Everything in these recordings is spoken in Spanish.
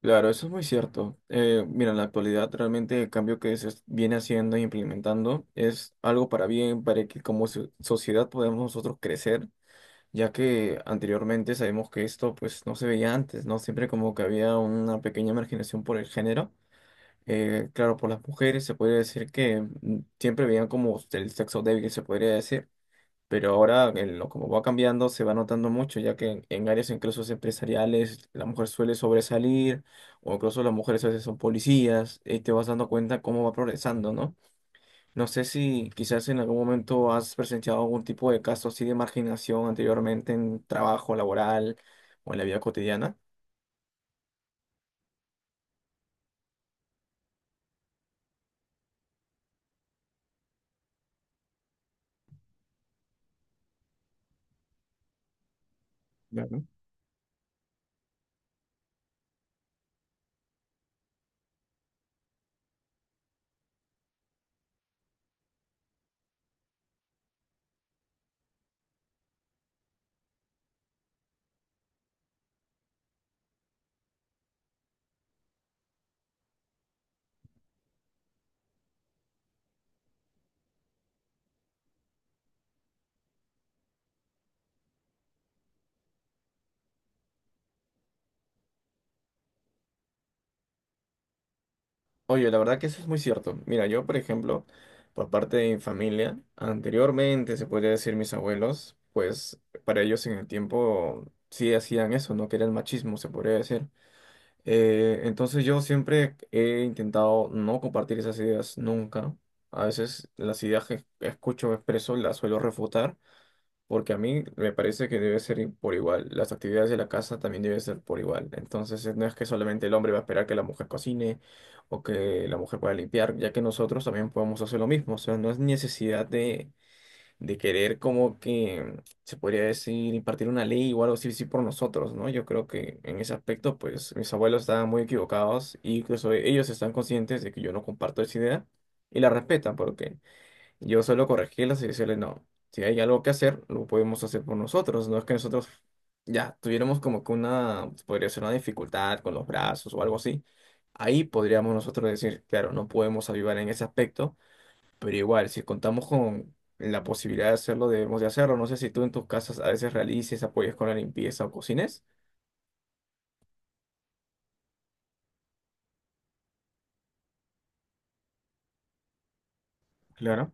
Claro, eso es muy cierto. Mira, en la actualidad realmente el cambio que viene haciendo e implementando es algo para bien, para que como sociedad podamos nosotros crecer, ya que anteriormente sabemos que esto pues no se veía antes, ¿no? Siempre como que había una pequeña marginación por el género. Claro, por las mujeres se podría decir que siempre veían como el sexo débil, se podría decir. Pero ahora, en lo, como va cambiando, se va notando mucho, ya que en áreas incluso empresariales la mujer suele sobresalir, o incluso las mujeres a veces son policías, y te vas dando cuenta cómo va progresando, ¿no? No sé si quizás en algún momento has presenciado algún tipo de caso así de marginación anteriormente en trabajo laboral o en la vida cotidiana. Oye, la verdad que eso es muy cierto. Mira, yo, por ejemplo, por parte de mi familia, anteriormente, se podría decir mis abuelos, pues para ellos en el tiempo sí hacían eso, ¿no? Que era el machismo, se podría decir. Entonces yo siempre he intentado no compartir esas ideas nunca. A veces las ideas que escucho o expreso las suelo refutar. Porque a mí me parece que debe ser por igual. Las actividades de la casa también deben ser por igual. Entonces, no es que solamente el hombre va a esperar que la mujer cocine o que la mujer pueda limpiar, ya que nosotros también podemos hacer lo mismo. O sea, no es necesidad de querer como que se podría decir impartir una ley o algo así, sí por nosotros, ¿no? Yo creo que en ese aspecto, pues mis abuelos estaban muy equivocados y incluso ellos están conscientes de que yo no comparto esa idea y la respetan porque yo solo corregí las y decirle, no, si hay algo que hacer, lo podemos hacer por nosotros. No es que nosotros ya tuviéramos como que una, podría ser una dificultad con los brazos o algo así. Ahí podríamos nosotros decir, claro, no podemos ayudar en ese aspecto, pero igual, si contamos con la posibilidad de hacerlo, debemos de hacerlo. No sé si tú en tus casas a veces realices, apoyes con la limpieza o cocines. Claro.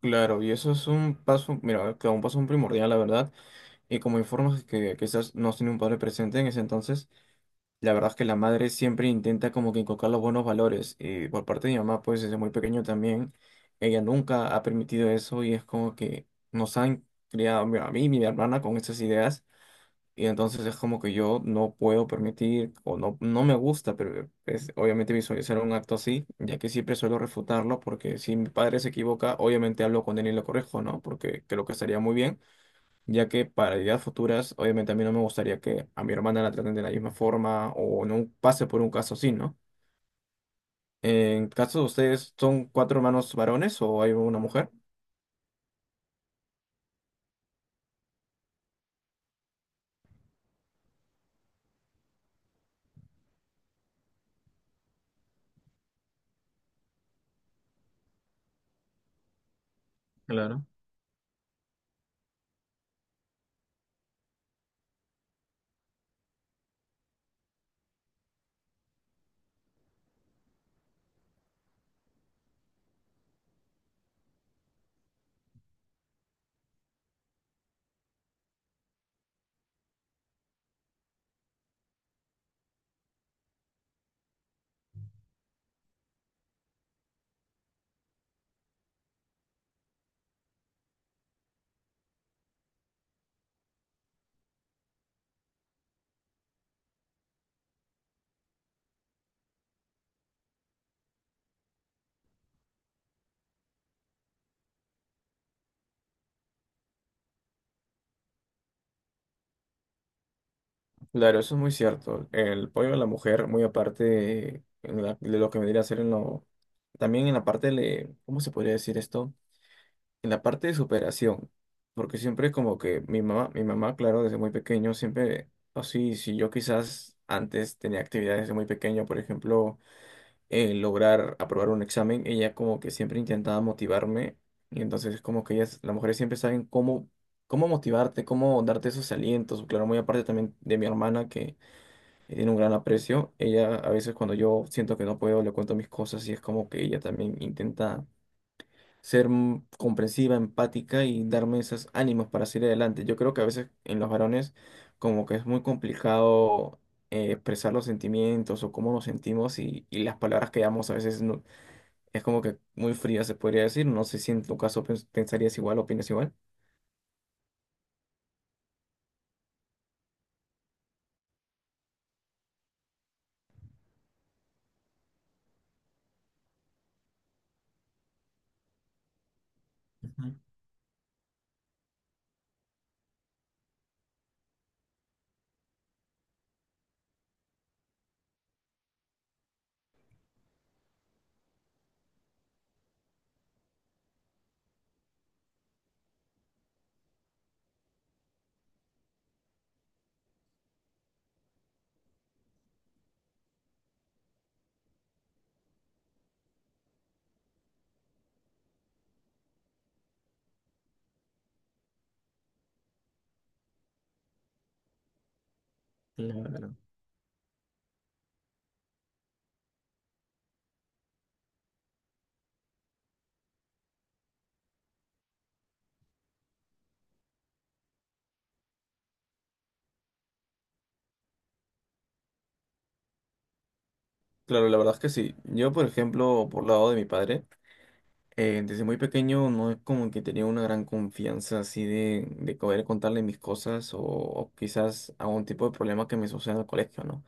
Claro, y eso es un paso, mira, que un paso primordial, la verdad. Y como informas que quizás no has tenido un padre presente en ese entonces. La verdad es que la madre siempre intenta como que inculcar los buenos valores. Y por parte de mi mamá, pues desde muy pequeño también, ella nunca ha permitido eso y es como que nos han criado a mí y mi hermana con esas ideas. Y entonces es como que yo no puedo permitir o no, no me gusta, pero es obviamente visualizar un acto así, ya que siempre suelo refutarlo porque si mi padre se equivoca, obviamente hablo con él y lo corrijo, ¿no? Porque creo que estaría muy bien ya que para ideas futuras, obviamente a mí no me gustaría que a mi hermana la traten de la misma forma o no pase por un caso así, ¿no? En caso de ustedes, ¿son cuatro hermanos varones o hay una mujer? Claro. Claro, eso es muy cierto. El pollo de la mujer, muy aparte de, de lo que vendría a ser en lo… También en la parte de… ¿Cómo se podría decir esto? En la parte de superación. Porque siempre como que mi mamá, claro, desde muy pequeño, siempre… Así, si yo quizás antes tenía actividades desde muy pequeño, por ejemplo… lograr aprobar un examen, ella como que siempre intentaba motivarme y entonces como que ellas, las mujeres siempre saben cómo motivarte, cómo darte esos alientos. Claro, muy aparte también de mi hermana que tiene un gran aprecio, ella a veces cuando yo siento que no puedo le cuento mis cosas y es como que ella también intenta ser comprensiva, empática y darme esos ánimos para seguir adelante. Yo creo que a veces en los varones como que es muy complicado expresar los sentimientos o cómo nos sentimos y las palabras que damos a veces no, es como que muy fría, se podría decir. No sé si en tu caso pensarías igual, opinas igual. Ujú, claro. Claro, la verdad es que sí. Yo, por ejemplo, por lado de mi padre, desde muy pequeño no es como que tenía una gran confianza así de poder contarle mis cosas o quizás algún tipo de problema que me suceda en el colegio, ¿no?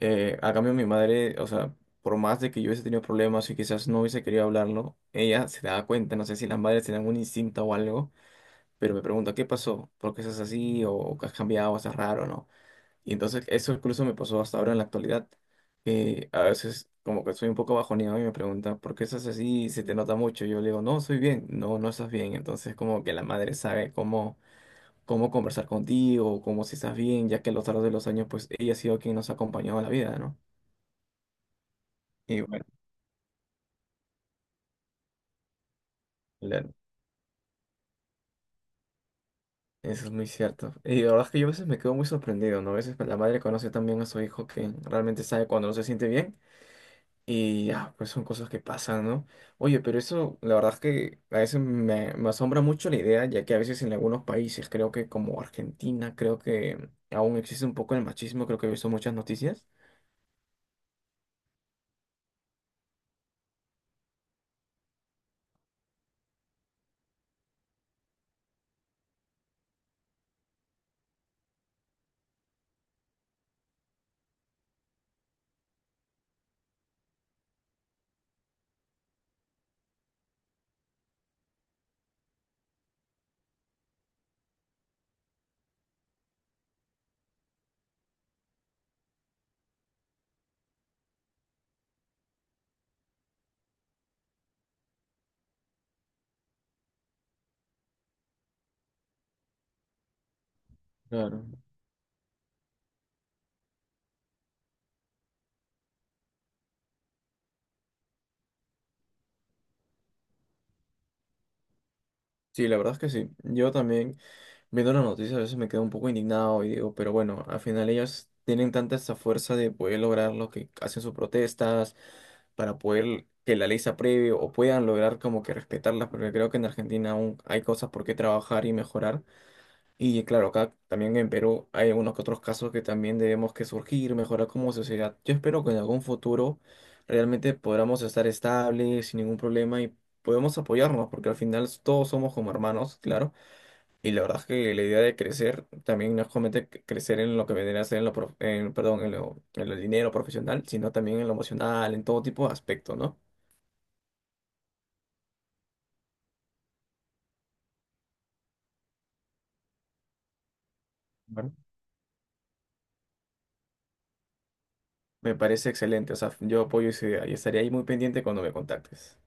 A cambio, mi madre, o sea, por más de que yo hubiese tenido problemas y quizás no hubiese querido hablarlo, ella se daba cuenta, no sé si las madres tenían un instinto o algo, pero me pregunta, ¿qué pasó? ¿Por qué estás así? ¿O has cambiado? ¿Estás raro? ¿No? Y entonces eso incluso me pasó hasta ahora en la actualidad, que a veces como que soy un poco bajoneado y me pregunta, ¿por qué estás así? ¿Se te nota mucho? Yo le digo, no, estoy bien, no, no estás bien. Entonces como que la madre sabe cómo conversar contigo, cómo si estás bien, ya que a lo largo de los años pues ella ha sido quien nos ha acompañado a la vida, ¿no? Y bueno, claro, eso es muy cierto. Y la verdad es que yo a veces me quedo muy sorprendido, ¿no? A veces la madre conoce también a su hijo que realmente sabe cuando no se siente bien. Y ah, pues son cosas que pasan, ¿no? Oye, pero eso, la verdad es que a veces me asombra mucho la idea, ya que a veces en algunos países, creo que como Argentina, creo que aún existe un poco el machismo, creo que he visto muchas noticias. Claro. Sí, la verdad es que sí. Yo también, viendo las noticias, a veces me quedo un poco indignado y digo, pero bueno, al final ellas tienen tanta esa fuerza de poder lograr lo que hacen sus protestas, para poder que la ley se apruebe o puedan lograr como que respetarlas, porque creo que en Argentina aún hay cosas por qué trabajar y mejorar. Y claro, acá también en Perú hay algunos que otros casos que también debemos que surgir, mejorar como sociedad. Yo espero que en algún futuro realmente podamos estar estables, sin ningún problema y podemos apoyarnos, porque al final todos somos como hermanos, claro. Y la verdad es que la idea de crecer también no es solamente crecer en lo que vendría a ser en lo, en lo, en lo dinero profesional, sino también en lo emocional, en todo tipo de aspecto, ¿no? Bueno, me parece excelente, o sea, yo apoyo esa idea y estaré ahí muy pendiente cuando me contactes.